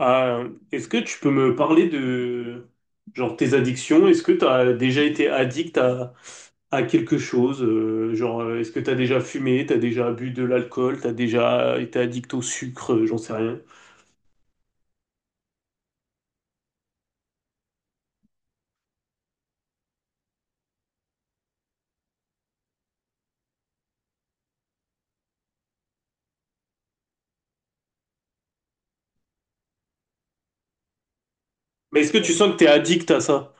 Est-ce que tu peux me parler de genre tes addictions? Est-ce que tu as déjà été addict à quelque chose? Genre, est-ce que tu as déjà fumé, tu as déjà bu de l'alcool, tu as déjà été addict au sucre, j'en sais rien. Mais est-ce que tu sens que tu es addict à ça?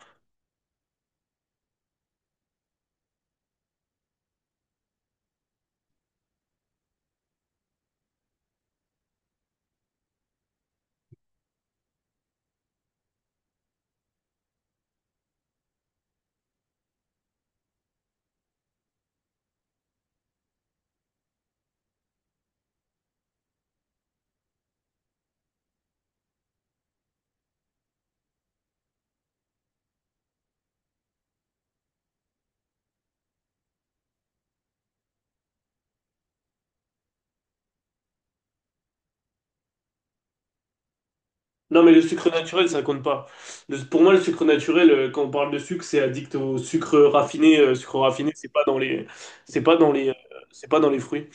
Non, mais le sucre naturel, ça compte pas. Pour moi, le sucre naturel, quand on parle de sucre, c'est addict au sucre raffiné. Sucre raffiné, c'est pas dans les, c'est pas dans les, c'est pas dans les fruits.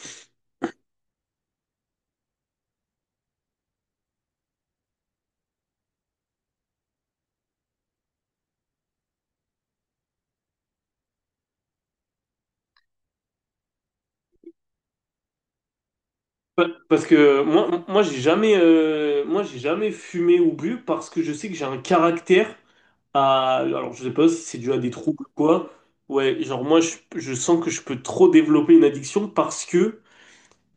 Parce que moi, j'ai jamais, j'ai jamais fumé ou bu parce que je sais que j'ai un caractère à. Alors, je sais pas si c'est dû à des troubles ou quoi. Ouais, genre, moi, je sens que je peux trop développer une addiction parce que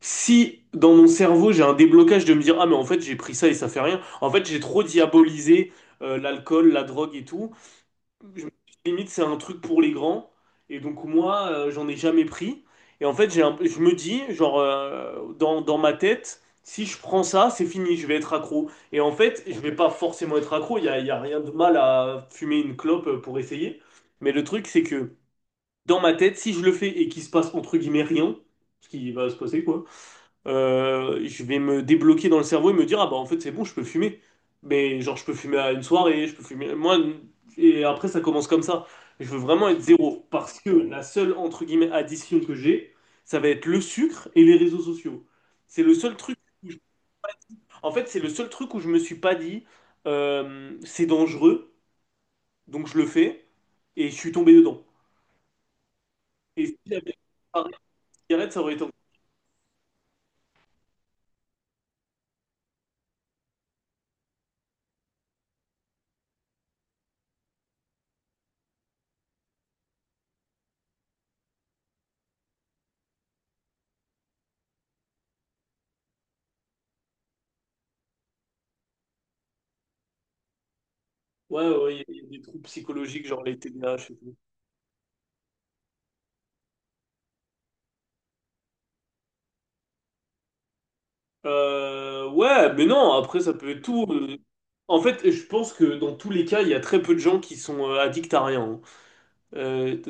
si dans mon cerveau j'ai un déblocage de me dire, ah, mais en fait, j'ai pris ça et ça fait rien. En fait, j'ai trop diabolisé l'alcool, la drogue et tout. Je me suis dit, limite, c'est un truc pour les grands. Et donc, moi, j'en ai jamais pris. Et en fait, je me dis, genre, dans ma tête, si je prends ça, c'est fini, je vais être accro. Et en fait, je vais pas forcément être accro. Il y a rien de mal à fumer une clope pour essayer. Mais le truc, c'est que dans ma tête, si je le fais et qu'il se passe entre guillemets rien, ce qui va se passer, quoi, je vais me débloquer dans le cerveau et me dire, ah bah en fait c'est bon, je peux fumer. Mais genre je peux fumer à une soirée, je peux fumer. Et après ça commence comme ça. Je veux vraiment être zéro parce que la seule, entre guillemets, addition que j'ai, ça va être le sucre et les réseaux sociaux. C'est le seul truc où je- en fait, c'est le seul truc où je me suis pas dit, c'est dangereux, donc je le fais, et je suis tombé dedans. Et si j'avais arrêté la cigarette, ça aurait été... Ouais, ouais, il y a des troubles psychologiques, genre les TDAH et tout. Ouais, mais non, après ça peut être tout. En fait, je pense que dans tous les cas, il y a très peu de gens qui sont addicts à rien, hein. Euh,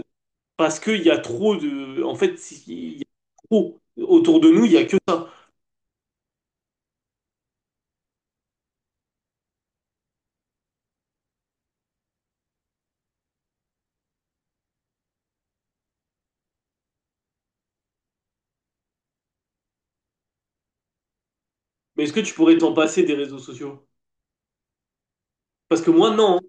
Parce qu'il y a trop de... En fait, il y a trop. Autour de nous, il y a que ça. Mais est-ce que tu pourrais t'en passer des réseaux sociaux? Parce que moi, non.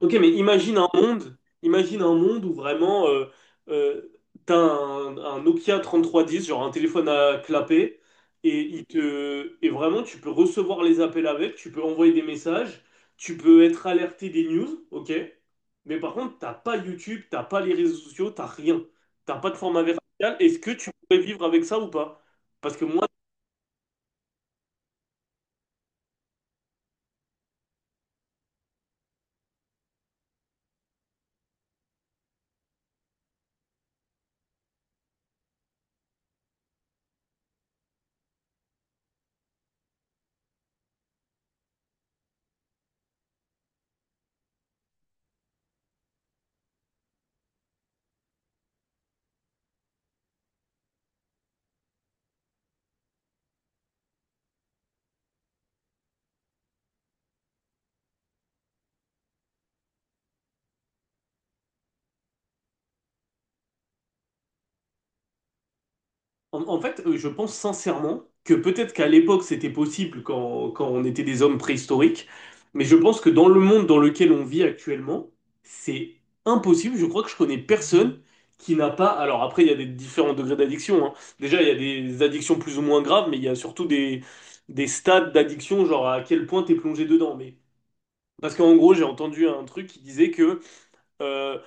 Ok, mais imagine un monde, où vraiment euh, t'as un, Nokia 3310, genre un téléphone à clapet, et vraiment tu peux recevoir les appels avec, tu peux envoyer des messages, tu peux être alerté des news, ok. Mais par contre, t'as pas YouTube, t'as pas les réseaux sociaux, t'as rien, t'as pas de format vertical. Est-ce que tu pourrais vivre avec ça ou pas? Parce que moi... En fait, je pense sincèrement que peut-être qu'à l'époque c'était possible quand, on était des hommes préhistoriques, mais je pense que dans le monde dans lequel on vit actuellement, c'est impossible. Je crois que je connais personne qui n'a pas. Alors après, il y a des différents degrés d'addiction, hein. Déjà, il y a des addictions plus ou moins graves, mais il y a surtout des stades d'addiction, genre à quel point t'es plongé dedans. Mais parce qu'en gros, j'ai entendu un truc qui disait que euh,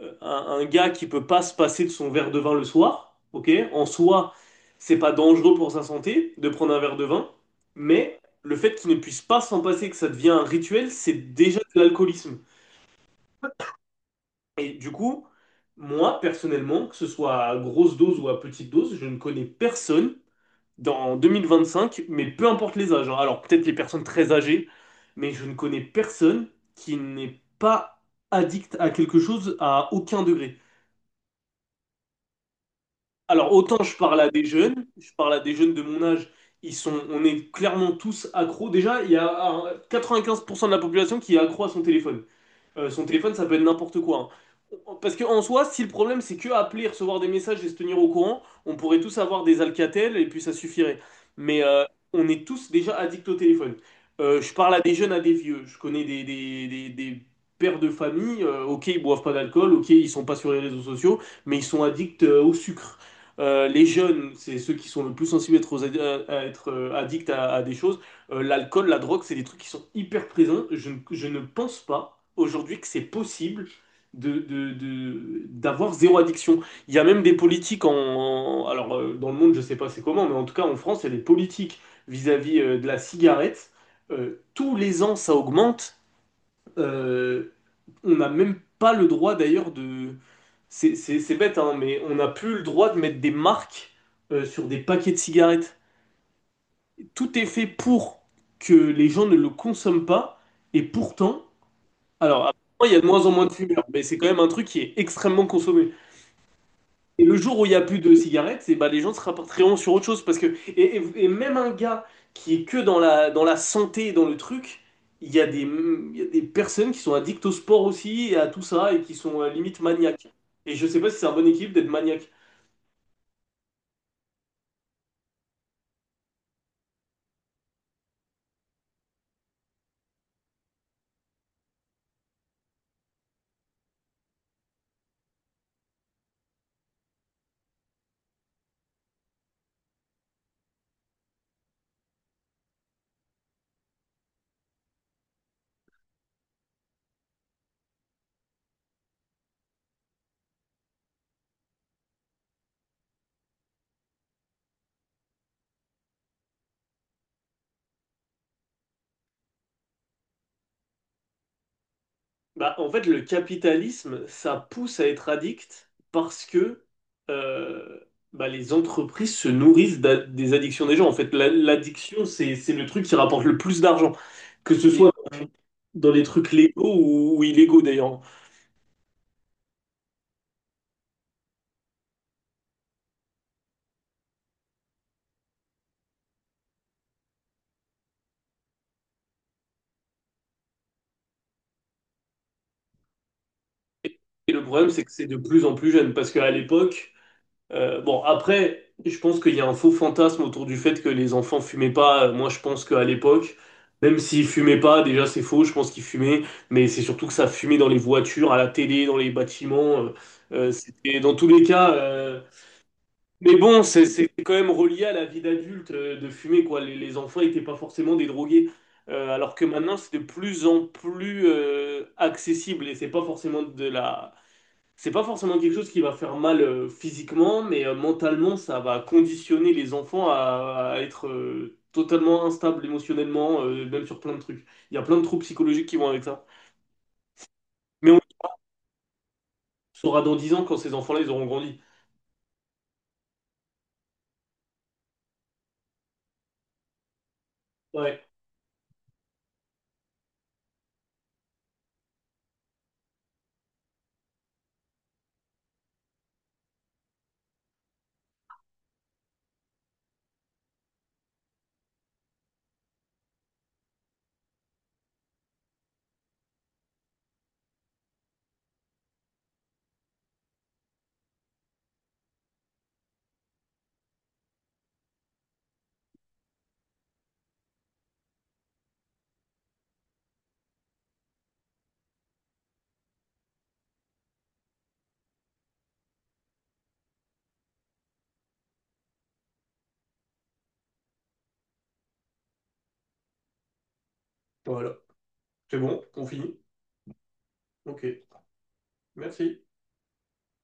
euh, un, un gars qui peut pas se passer de son verre de vin le soir, ok? En soi, c'est pas dangereux pour sa santé de prendre un verre de vin, mais le fait qu'il ne puisse pas s'en passer, que ça devient un rituel, c'est déjà de l'alcoolisme. Et du coup, moi, personnellement, que ce soit à grosse dose ou à petite dose, je ne connais personne dans 2025, mais peu importe les âges, hein. Alors, peut-être les personnes très âgées, mais je ne connais personne qui n'est pas addict à quelque chose à aucun degré. Alors, autant je parle à des jeunes, je parle à des jeunes de mon âge, on est clairement tous accros. Déjà, il y a 95% de la population qui est accro à son téléphone. Son téléphone, ça peut être n'importe quoi, hein. Parce qu'en soi, si le problème c'est que appeler, recevoir des messages et se tenir au courant, on pourrait tous avoir des Alcatel et puis ça suffirait. Mais on est tous déjà addicts au téléphone. Je parle à des jeunes, à des vieux. Je connais des pères de famille. Ok, ils boivent pas d'alcool. Ok, ils sont pas sur les réseaux sociaux, mais ils sont addicts au sucre. Les jeunes, c'est ceux qui sont le plus sensibles à être, à être, addicts à des choses. L'alcool, la drogue, c'est des trucs qui sont hyper présents. Je ne pense pas aujourd'hui que c'est possible d'avoir zéro addiction. Il y a même des politiques alors dans le monde, je sais pas c'est comment, mais en tout cas en France, il y a des politiques vis-à-vis de la cigarette. Tous les ans, ça augmente. Euh, on n'a même pas le droit d'ailleurs de... C'est bête, hein, mais on n'a plus le droit de mettre des marques sur des paquets de cigarettes. Tout est fait pour que les gens ne le consomment pas, et pourtant, alors il y a de moins en moins de fumeurs, mais c'est quand même un truc qui est extrêmement consommé. Et le jour où il n'y a plus de cigarettes, c'est bah, les gens se rapporteront sur autre chose, parce que et même un gars qui est que dans la, santé, dans le truc, il y a des personnes qui sont addictes au sport aussi, et à tout ça, et qui sont limite maniaques. Et je sais pas si c'est un bon équilibre d'être maniaque. Bah, en fait, le capitalisme, ça pousse à être addict parce que euh, bah, les entreprises se nourrissent des addictions des gens. En fait, l'addiction, c'est le truc qui rapporte le plus d'argent, que ce, oui, soit dans les trucs légaux ou illégaux d'ailleurs. Et le problème, c'est que c'est de plus en plus jeune parce qu'à l'époque... Bon, après, je pense qu'il y a un faux fantasme autour du fait que les enfants fumaient pas. Moi, je pense qu'à l'époque, même s'ils fumaient pas, déjà c'est faux, je pense qu'ils fumaient, mais c'est surtout que ça fumait dans les voitures, à la télé, dans les bâtiments. C'était dans tous les cas. Mais bon, c'est quand même relié à la vie d'adulte de fumer, quoi. Les enfants n'étaient pas forcément des drogués. Alors que maintenant, c'est de plus en plus accessible et c'est pas forcément quelque chose qui va faire mal physiquement, mais mentalement, ça va conditionner les enfants à être totalement instables émotionnellement, même sur plein de trucs. Il y a plein de troubles psychologiques qui vont avec ça. Mais on le saura dans 10 ans quand ces enfants-là, ils auront grandi. Ouais, voilà. C'est bon, on finit. Ok, merci.